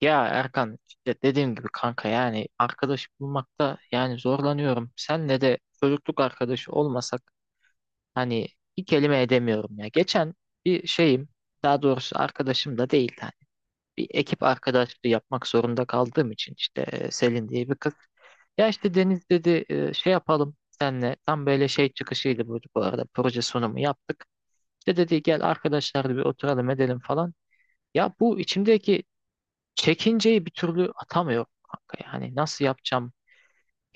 Ya Erkan işte dediğim gibi kanka, yani arkadaş bulmakta yani zorlanıyorum. Senle de çocukluk arkadaşı olmasak hani bir kelime edemiyorum ya. Geçen bir şeyim, daha doğrusu arkadaşım da değil hani, bir ekip arkadaşlığı yapmak zorunda kaldığım için işte Selin diye bir kız. Ya işte Deniz dedi şey yapalım senle, tam böyle şey çıkışıydı, bu arada proje sunumu yaptık. İşte dedi gel arkadaşlar da bir oturalım edelim falan. Ya bu içimdeki çekinceyi bir türlü atamıyorum kanka. Yani nasıl yapacağım?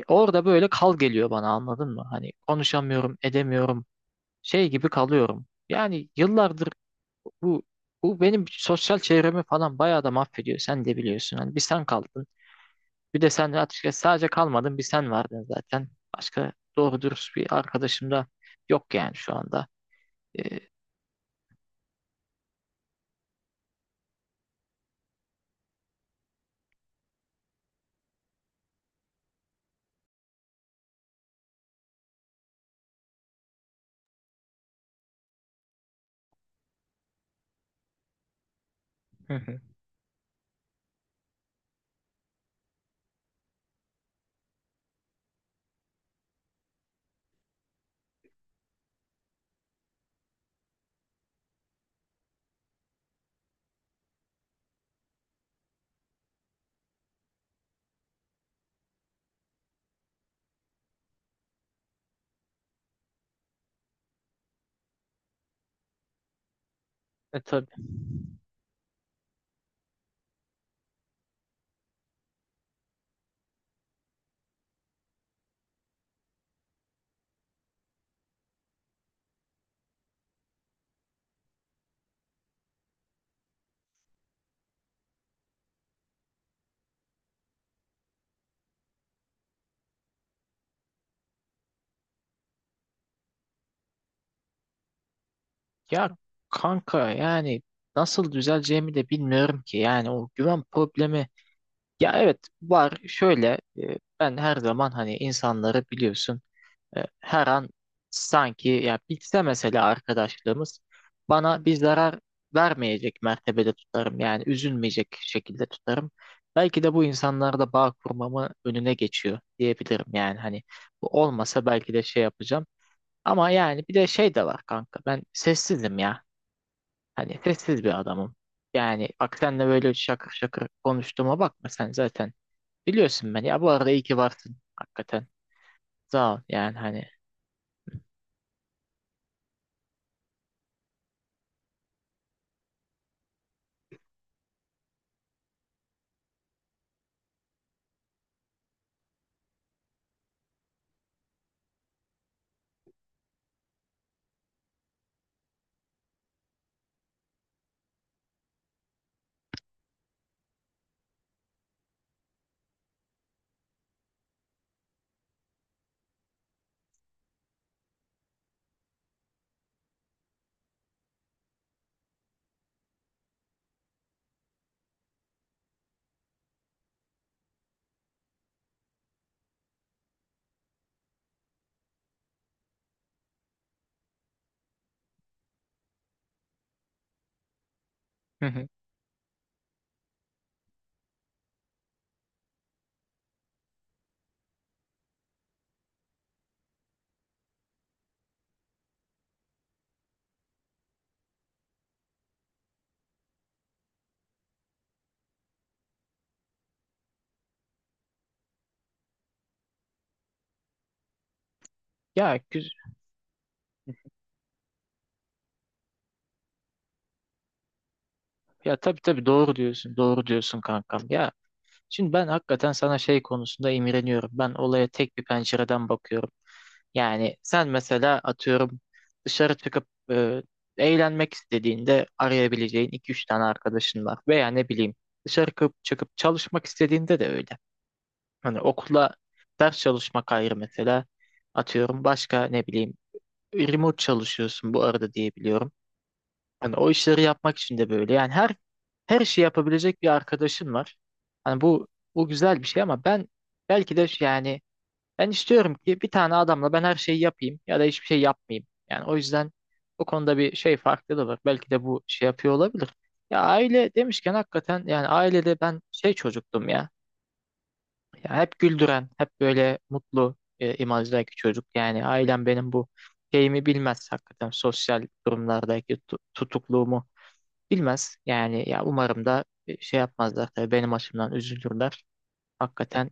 Orada böyle kal geliyor bana, anladın mı? Hani konuşamıyorum, edemiyorum. Şey gibi kalıyorum. Yani yıllardır bu bu benim sosyal çevremi falan bayağı da mahvediyor. Sen de biliyorsun. Hani bir sen kaldın. Bir de sen, açıkçası sadece kalmadın. Bir sen vardın zaten. Başka doğru dürüst bir arkadaşım da yok yani şu anda. Ee, Hı hı. E tabii. Ya kanka yani nasıl düzeleceğimi de bilmiyorum ki. Yani o güven problemi, ya evet var. Şöyle ben her zaman hani insanları biliyorsun. Her an sanki ya bitse mesela arkadaşlığımız, bana bir zarar vermeyecek mertebede tutarım. Yani üzülmeyecek şekilde tutarım. Belki de bu insanlarda bağ kurmamı önüne geçiyor diyebilirim. Yani hani bu olmasa belki de şey yapacağım. Ama yani bir de şey de var kanka. Ben sessizim ya. Hani sessiz bir adamım. Yani bak senle böyle şakır şakır konuştuğuma bakma sen zaten. Biliyorsun beni. Ya bu arada iyi ki varsın hakikaten. Sağ ol. Yani hani. Hı hı. Ya güz- ya tabii tabii, doğru diyorsun. Doğru diyorsun kankam. Ya şimdi ben hakikaten sana şey konusunda imreniyorum. Ben olaya tek bir pencereden bakıyorum. Yani sen mesela atıyorum, dışarı çıkıp eğlenmek istediğinde arayabileceğin iki üç tane arkadaşın var. Veya ne bileyim, dışarı çıkıp çalışmak istediğinde de öyle. Hani okula ders çalışmak ayrı mesela. Atıyorum başka ne bileyim, remote çalışıyorsun bu arada diye biliyorum. Hani o işleri yapmak için de böyle. Yani her işi yapabilecek bir arkadaşın var. Hani bu güzel bir şey ama ben belki de yani ben istiyorum ki bir tane adamla ben her şeyi yapayım ya da hiçbir şey yapmayayım. Yani o yüzden bu konuda bir şey farklı da var. Belki de bu şey yapıyor olabilir. Ya aile demişken hakikaten, yani ailede ben şey çocuktum ya. Ya hep güldüren, hep böyle mutlu imajdaki çocuk. Yani ailem benim bu şeyimi bilmez hakikaten, sosyal durumlardaki tutukluğumu bilmez. Yani ya umarım da şey yapmazlar, tabii benim açımdan üzülürler. Hakikaten.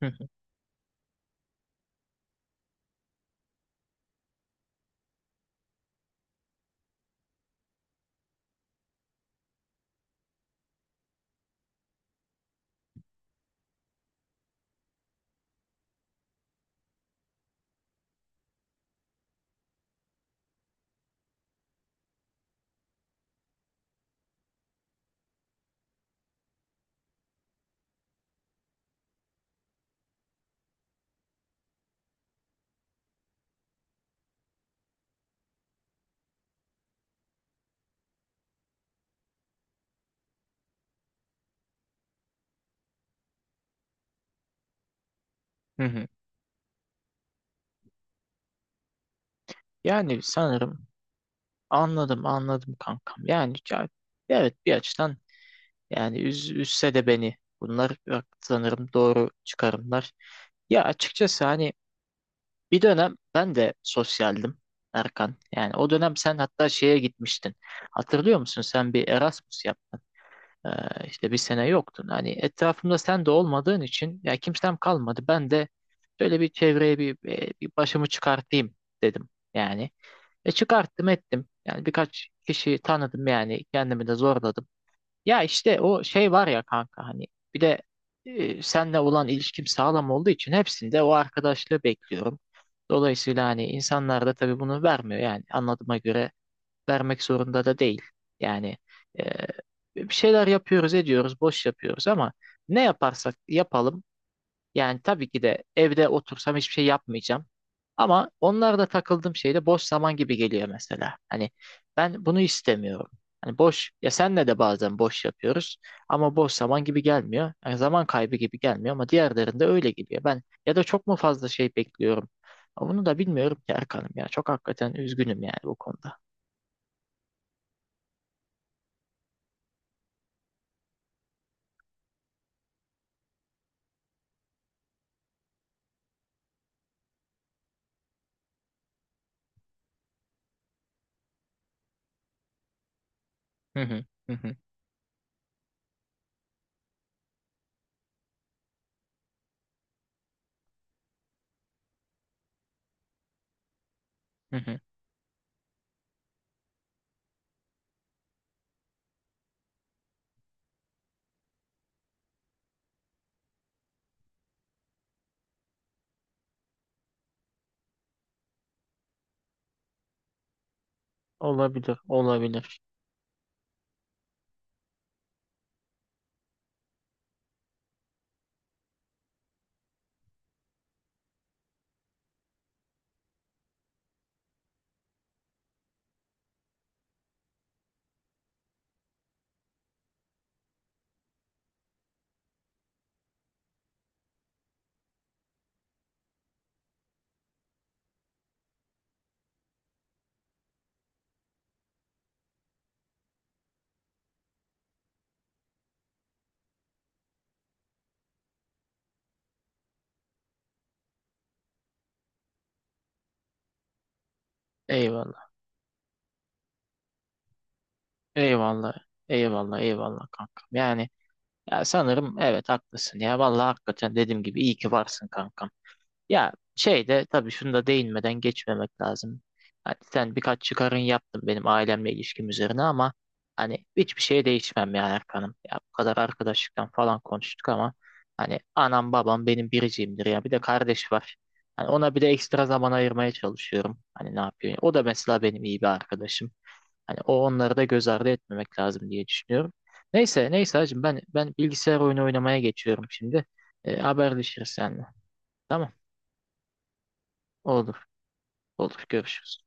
Hı hı. Hı hı. Yani sanırım. Anladım, anladım kankam. Yani evet, bir açıdan, yani üzse de beni bunlar bak, sanırım doğru çıkarımlar. Ya açıkçası hani bir dönem ben de sosyaldim Erkan. Yani o dönem sen hatta şeye gitmiştin. Hatırlıyor musun? Sen bir Erasmus yaptın. İşte bir sene yoktun. Hani etrafımda sen de olmadığın için ya kimsem kalmadı. Ben de şöyle bir çevreye bir başımı çıkartayım dedim. Yani. E çıkarttım ettim. Yani birkaç kişiyi tanıdım, yani kendimi de zorladım. Ya işte o şey var ya kanka, hani bir de seninle olan ilişkim sağlam olduğu için hepsinde o arkadaşlığı bekliyorum. Dolayısıyla hani insanlar da tabii bunu vermiyor, yani anladığıma göre vermek zorunda da değil. Yani e, bir şeyler yapıyoruz ediyoruz, boş yapıyoruz ama ne yaparsak yapalım, yani tabii ki de evde otursam hiçbir şey yapmayacağım. Ama onlarda takıldığım şey de boş zaman gibi geliyor mesela. Hani ben bunu istemiyorum. Hani boş, ya senle de bazen boş yapıyoruz ama boş zaman gibi gelmiyor. Yani zaman kaybı gibi gelmiyor, ama diğerlerinde öyle geliyor. Ben ya da çok mu fazla şey bekliyorum? Ama bunu da bilmiyorum ki Erkan'ım ya. Çok hakikaten üzgünüm yani bu konuda. Hı hı, hı hı, hı hı. Olabilir, olabilir. Eyvallah. Eyvallah. Eyvallah, eyvallah kankam. Yani ya, sanırım evet, haklısın ya. Vallahi hakikaten dediğim gibi iyi ki varsın kankam. Ya şey de, tabii şunu da değinmeden geçmemek lazım. Hani sen birkaç çıkarın yaptın benim ailemle ilişkim üzerine ama hani hiçbir şeye değişmem ya Erkan'ım. Ya bu kadar arkadaşlıktan falan konuştuk ama hani anam babam benim biricimdir ya. Bir de kardeş var. Hani ona bir de ekstra zaman ayırmaya çalışıyorum. Hani ne yapıyor? O da mesela benim iyi bir arkadaşım. Hani o, onları da göz ardı etmemek lazım diye düşünüyorum. Neyse neyse hacım, ben bilgisayar oyunu oynamaya geçiyorum şimdi. E, haberleşiriz seninle. Tamam. Olur. Olur, görüşürüz.